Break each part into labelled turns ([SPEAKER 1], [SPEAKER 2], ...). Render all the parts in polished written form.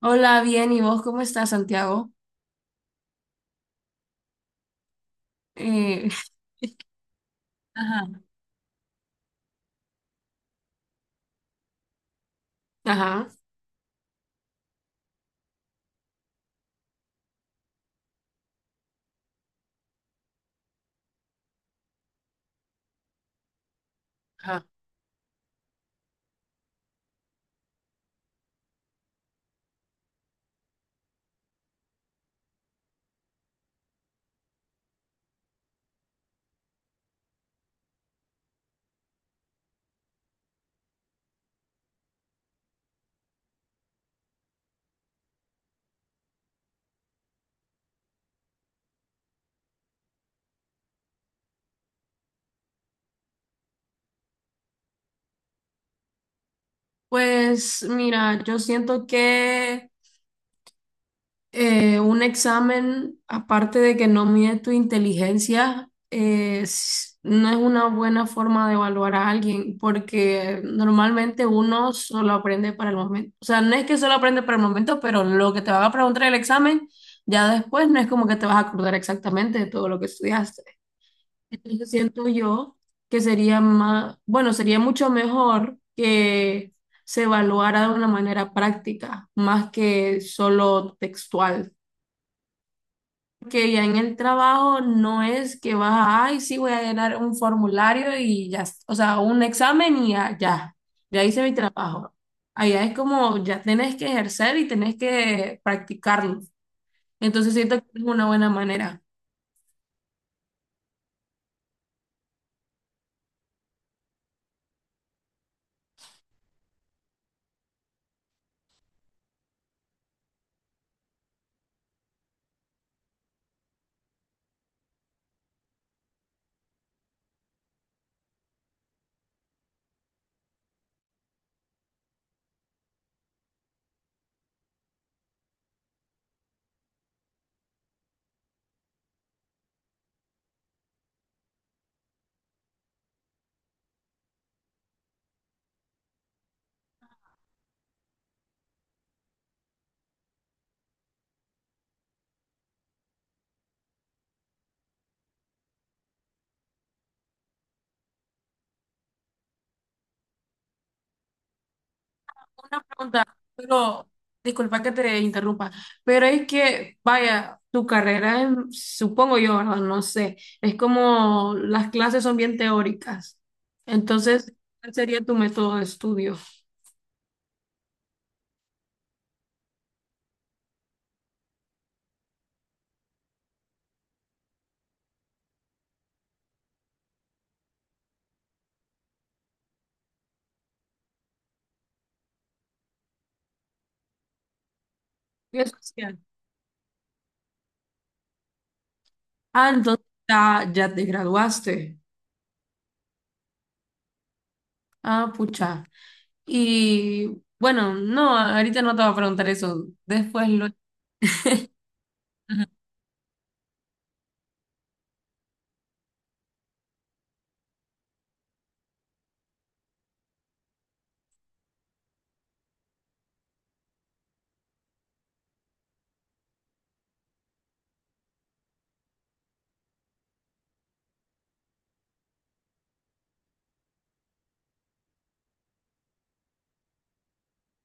[SPEAKER 1] Hola, bien, ¿y vos cómo estás, Santiago? Eh, ajá, ajá, ajá. Pues mira, yo siento que un examen, aparte de que no mide tu inteligencia, es- no es una buena forma de evaluar a alguien, porque normalmente uno solo aprende para el momento. O sea, no es que solo aprende para el momento, pero lo que te van a preguntar en el examen, ya después no es como que te vas a acordar exactamente de todo lo que estudiaste. Entonces siento yo que sería más, bueno, sería mucho mejor que se evaluara de una manera práctica, más que solo textual. Porque ya en el trabajo no es que vas a, ay, sí, voy a llenar un formulario y ya, o sea, un examen y ya, ya, ya hice mi trabajo. Allá es como, ya tenés que ejercer y tenés que practicarlo. Entonces siento que es una buena manera. Una pregunta, pero disculpa que te interrumpa, pero es que, vaya, tu carrera, en- supongo yo, ¿verdad? No sé, es como las clases son bien teóricas. Entonces, ¿cuál sería tu método de estudio? Y es social. Ah, entonces ya, ya te graduaste. Ah, pucha. Y bueno, no, ahorita no te voy a preguntar eso, después lo... Ujú.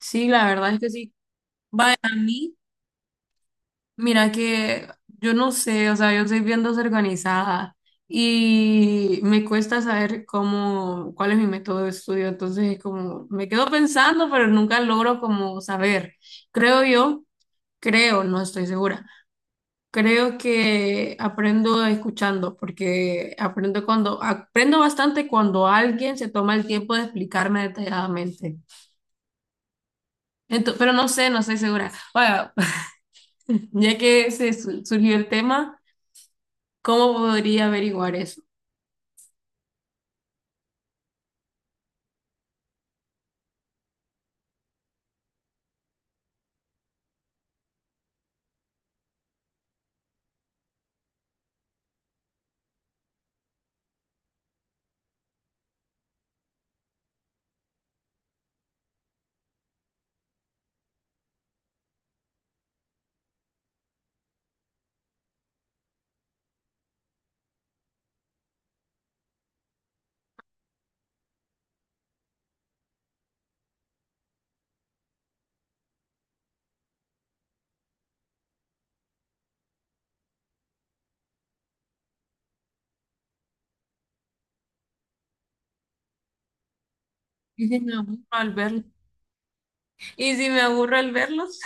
[SPEAKER 1] Sí, la verdad es que sí. Vaya, a mí. Mira que yo no sé, o sea, yo soy bien desorganizada y me cuesta saber cómo, cuál es mi método de estudio, entonces es como me quedo pensando, pero nunca logro como saber. Creo yo, creo, no estoy segura. Creo que aprendo escuchando, porque aprendo cuando aprendo bastante cuando alguien se toma el tiempo de explicarme detalladamente. Pero no sé, no estoy segura. Bueno, ya que se surgió el tema. ¿Cómo podría averiguar eso? ¿Y si me aburro al verlos? ¿Y si me aburro al verlos?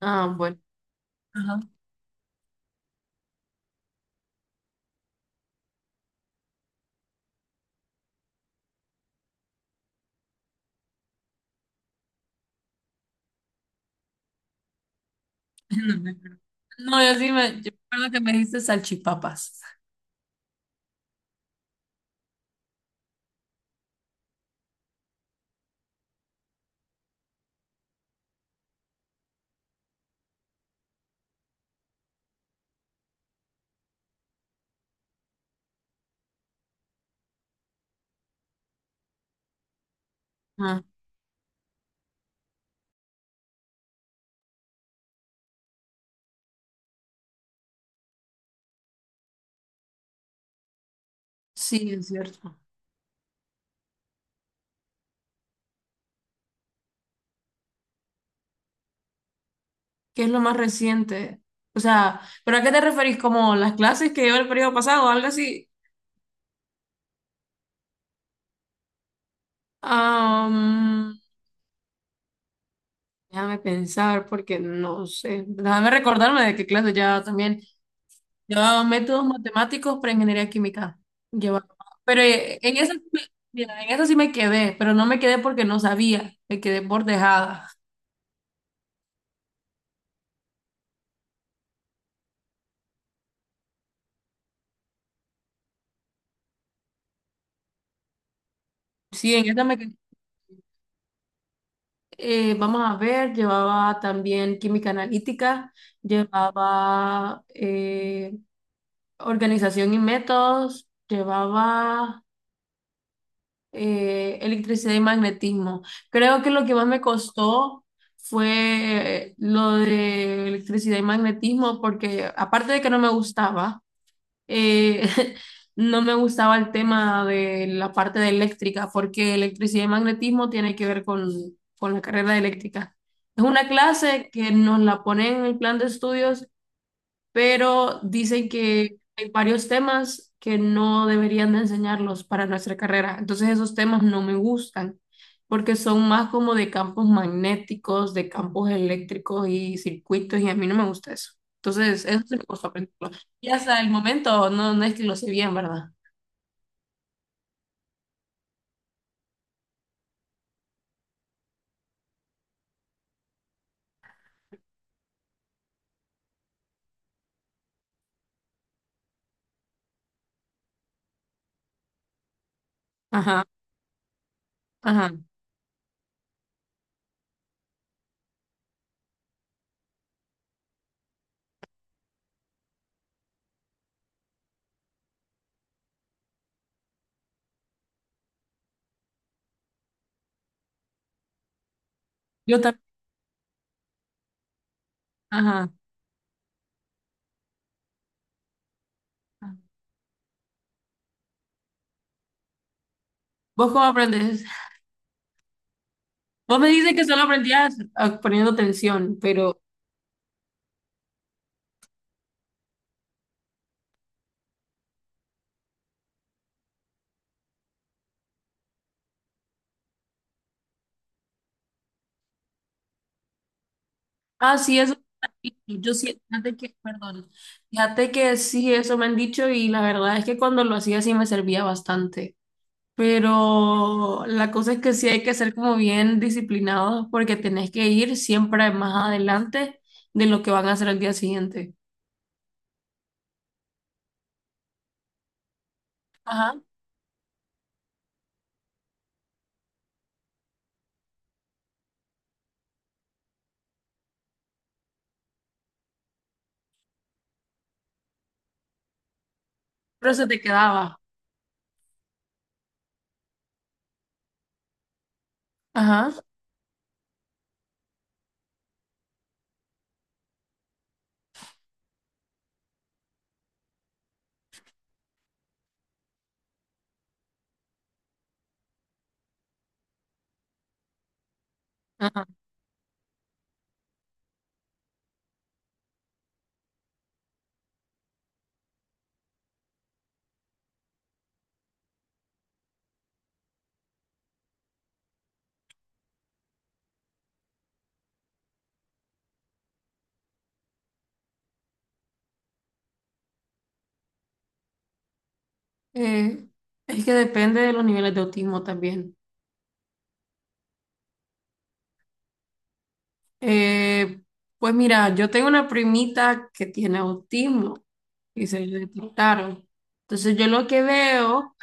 [SPEAKER 1] Ah, bueno. Ajá. No, me acuerdo. No, yo sí me, yo recuerdo que me dijiste salchipapas. Ah, sí, es cierto. ¿Qué es lo más reciente? O sea, ¿pero a qué te referís? ¿Como las clases que lleva el periodo pasado o algo así? Am, déjame pensar porque no sé. Déjame recordarme de qué clase ya también. Llevaba métodos matemáticos para ingeniería química. Llevaba. Pero en eso, mira, en eso sí me quedé, pero no me quedé porque no sabía, me quedé por dejada. Sí, en esa me quedé. Vamos a ver, llevaba también química analítica, llevaba organización y métodos, llevaba electricidad y magnetismo. Creo que lo que más me costó fue lo de electricidad y magnetismo, porque aparte de que no me gustaba, eh, no me gustaba el tema de la parte de eléctrica, porque electricidad y magnetismo tiene que ver con la carrera de eléctrica. Es una clase que nos la ponen en el plan de estudios, pero dicen que hay varios temas que no deberían de enseñarlos para nuestra carrera. Entonces esos temas no me gustan porque son más como de campos magnéticos, de campos eléctricos y circuitos y a mí no me gusta eso. Entonces eso se me costó aprenderlo. Y hasta el momento no, no es que lo sé bien, ¿verdad? Ajá, ajá. Yo también, ajá. ¿Vos cómo aprendes? Vos me dices que solo aprendías ah, poniendo tensión, pero... Ah, sí, eso me han dicho. Yo sí, fíjate que, perdón, fíjate que sí, eso me han dicho y la verdad es que cuando lo hacía sí me servía bastante. Pero la cosa es que sí hay que ser como bien disciplinados porque tenés que ir siempre más adelante de lo que van a hacer el día siguiente. Ajá, pero se te quedaba. Ajá, ajá. Eh, es que depende de los niveles de autismo también. Eh, pues mira, yo tengo una primita que tiene autismo, y se le detectaron. Entonces yo lo que veo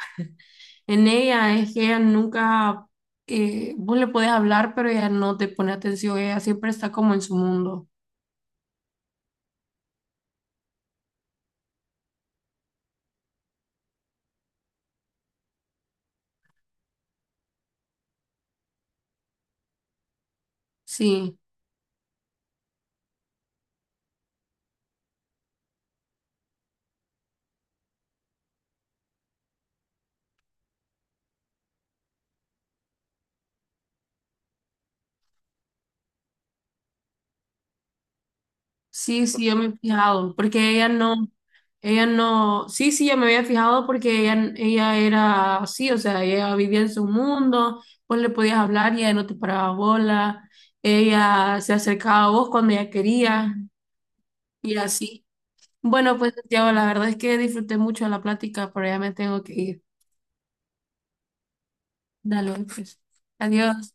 [SPEAKER 1] en ella es que ella nunca, vos le podés hablar, pero ella no te pone atención, ella siempre está como en su mundo. Sí, sí, sí, yo me he fijado, porque ella no, sí, sí, yo me había fijado porque ella era así, o sea, ella vivía en su mundo, vos le podías hablar y ella no te paraba bola, ella se acercaba a vos cuando ella quería y así. Bueno, pues Santiago, la verdad es que disfruté mucho la plática, pero ya me tengo que ir. Dale, pues. Adiós.